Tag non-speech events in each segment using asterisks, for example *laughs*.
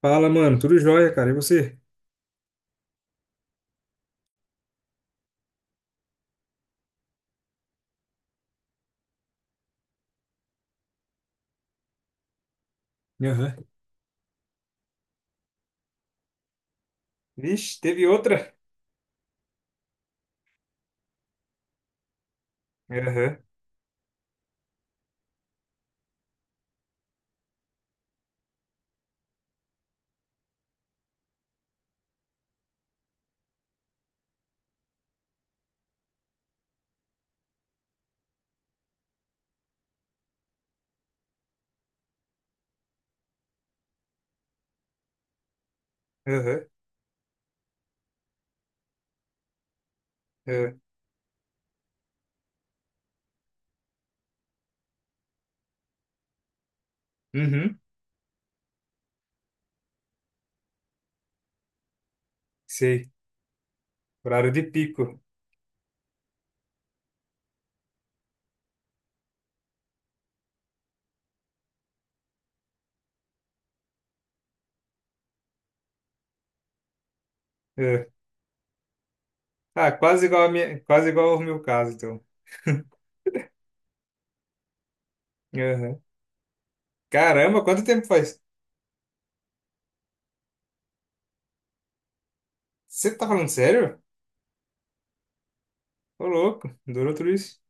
Fala, mano. Tudo jóia, cara. E você? Aham. Vixe, teve outra? Aham, aham, aham. Uhum, sei. Horário de pico. É. Ah, quase igual a minha, quase igual ao meu caso, então. *laughs* Aham. Caramba, quanto tempo faz? Você tá falando sério? Ô, louco. Durou tudo isso?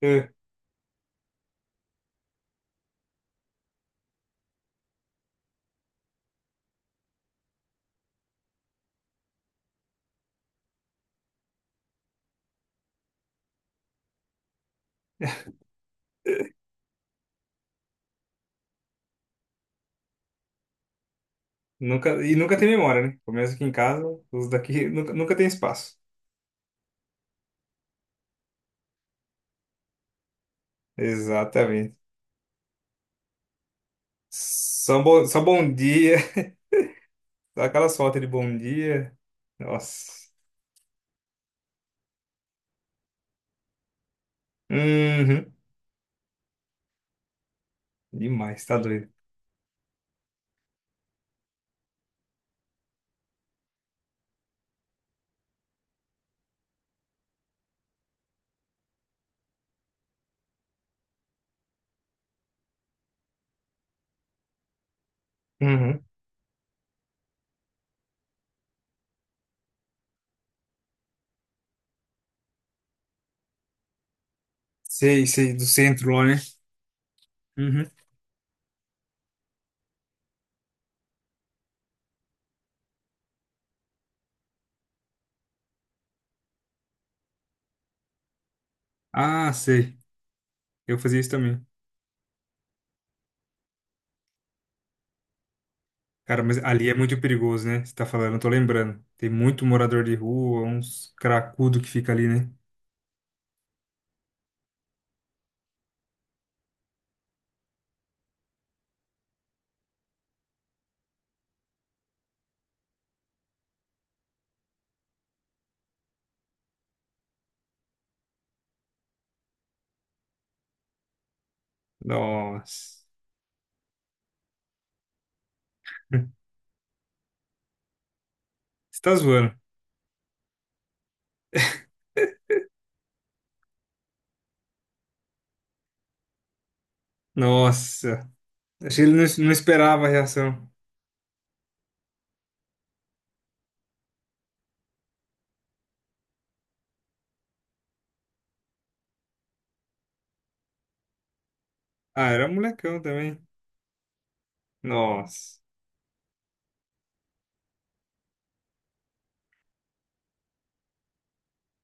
É. Nunca, e nunca tem memória, né? Começa aqui em casa, os daqui *laughs* nunca tem espaço. Exatamente. Só bom dia. *laughs* Dá aquela sorte de bom dia. Nossa. Uhum. Demais, tá doido. Uhum. Sei, do centro lá, né? Uhum. Ah, sei. Eu fazia isso também. Cara, mas ali é muito perigoso, né? Você tá falando, eu tô lembrando. Tem muito morador de rua, uns cracudo que fica ali, né? Nossa. *laughs* Você tá zoando. *laughs* Nossa. Achei que ele não, não esperava a reação. Ah, era molecão também. Nossa.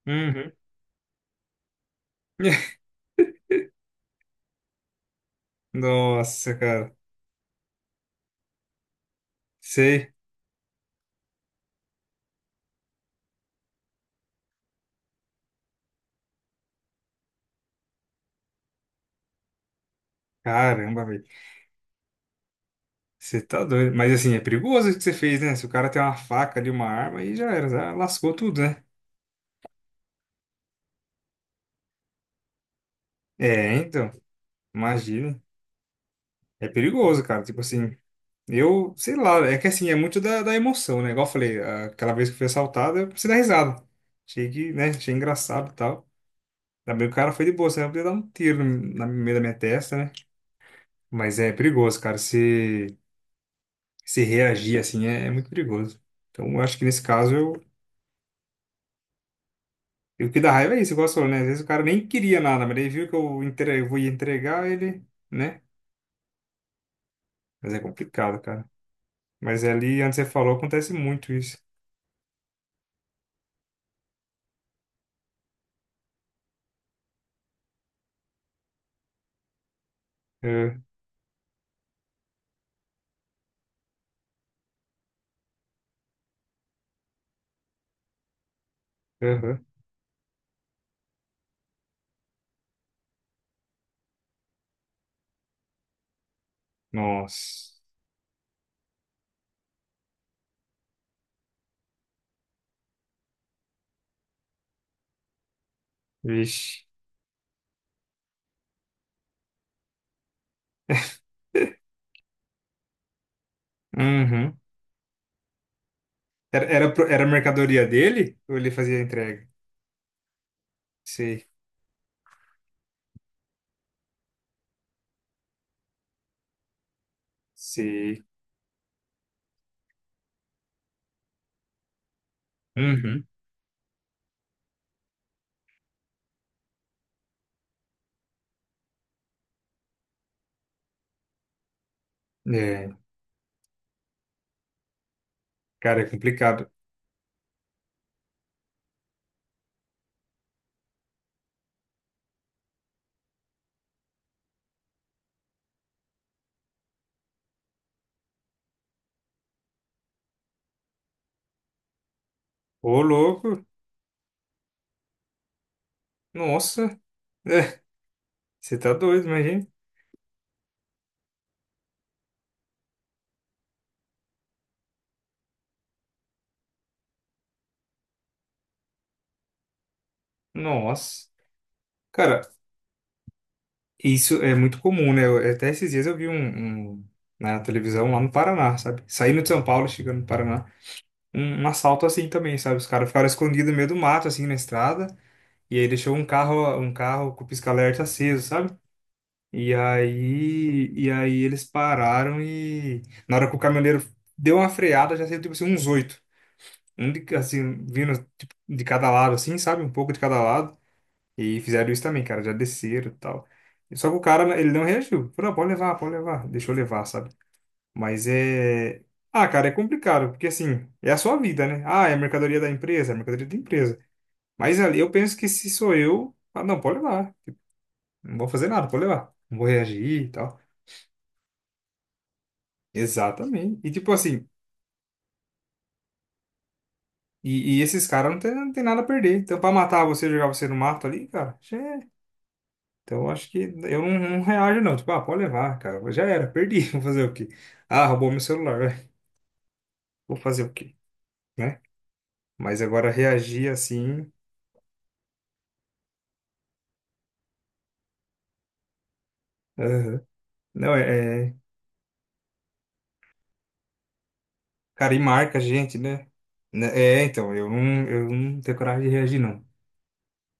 Uhum. *laughs* Nossa, cara. Sei. Caramba, velho. Você tá doido. Mas assim, é perigoso o que você fez, né? Se o cara tem uma faca ali, uma arma, aí já era, já lascou tudo, né? É, então, imagina. É perigoso, cara. Tipo assim, eu, sei lá, é que assim, é muito da emoção, né? Igual eu falei, aquela vez que eu fui assaltado, eu precisei dar risada. Achei que, né? Achei engraçado e tal. Também o cara foi de boa, senão eu podia dar um tiro no meio da minha testa, né? Mas é perigoso, cara. Se reagir assim é muito perigoso. Então, eu acho que nesse caso E o que dá raiva é isso, igual você falou, né? Às vezes o cara nem queria nada, mas ele viu que eu, entre... eu vou entregar ele, né? Mas é complicado, cara. Mas é ali, antes você falou, acontece muito isso. É, aham. Nossa. Vixe. *laughs* Uhum. Era a mercadoria dele ou ele fazia a entrega? Sei, sei. Uhum. É, cara, é complicado. Ô, louco. Nossa. *laughs* É, você tá doido, imagina. Nossa. Cara, isso é muito comum, né? Até esses dias eu vi na televisão lá no Paraná, sabe? Saindo de São Paulo, chegando no Paraná, um assalto assim também, sabe? Os caras ficaram escondidos no meio do mato, assim, na estrada, e aí deixou um carro com o pisca-alerta aceso, sabe? E aí eles pararam e na hora que o caminhoneiro deu uma freada, já saiu tipo assim uns 8. Um de, assim, vindo tipo, de cada lado, assim, sabe? Um pouco de cada lado. E fizeram isso também, cara, já desceram e tal. Só que o cara, ele não reagiu. Falou, não, pode levar, deixa eu levar, sabe? Mas é. Ah, cara, é complicado, porque assim, é a sua vida, né? Ah, é a mercadoria da empresa, é a mercadoria da empresa. Mas ali eu penso que se sou eu, ah, não, pode levar. Não vou fazer nada, pode levar. Não vou reagir e tal. Exatamente. E tipo assim, e esses caras não tem nada a perder. Então, pra matar você, jogar você no mato ali, cara, Então, eu acho que eu não reajo, não. Tipo, ah, pode levar, cara. Já era, perdi. *laughs* Vou fazer o quê? Ah, roubou meu celular, *laughs* vai. Vou fazer o quê? Né? Mas agora reagir assim. Aham. Não, é, é- Cara, e marca a gente, né? Né, é, então, eu eu não tenho coragem de reagir, não.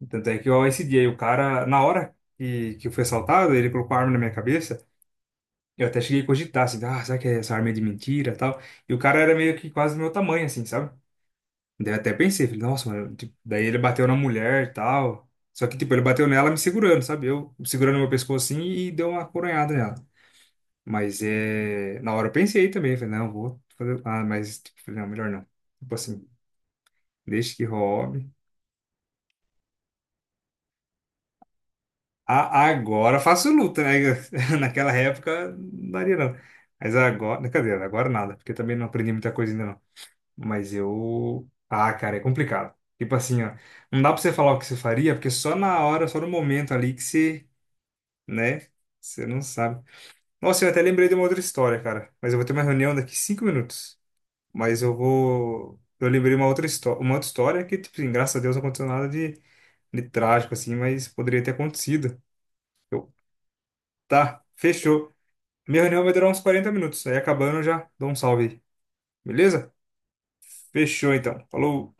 Tanto é que, ó, esse dia aí, o cara, na hora que eu fui assaltado, ele colocou a arma na minha cabeça. Eu até cheguei a cogitar, assim, ah, será que essa arma é de mentira e tal? E o cara era meio que quase do meu tamanho, assim, sabe? Daí eu até pensei, falei, nossa, mano, tipo, daí ele bateu na mulher e tal. Só que, tipo, ele bateu nela me segurando, sabe? Eu segurando meu pescoço assim e deu uma coronhada nela. Mas é. Na hora eu pensei também, falei, não, vou fazer. Ah, mas, tipo, falei, não, melhor não. Tipo assim, deixa que roube. Agora faço luta, né? *laughs* Naquela época não daria não. Mas agora. Cadê? Agora nada, porque também não aprendi muita coisa ainda não. Mas eu. Ah, cara, é complicado. Tipo assim, ó, não dá pra você falar o que você faria, porque só na hora, só no momento ali que você, né? Você não sabe. Nossa, eu até lembrei de uma outra história, cara. Mas eu vou ter uma reunião daqui 5 minutos. Mas eu vou. Eu lembrei uma outra história que, tipo assim, graças a Deus não aconteceu nada de, de trágico, assim, mas poderia ter acontecido. Eu, tá, fechou. Minha reunião vai durar uns 40 minutos. Aí acabando, eu já dou um salve aí. Beleza? Fechou então. Falou.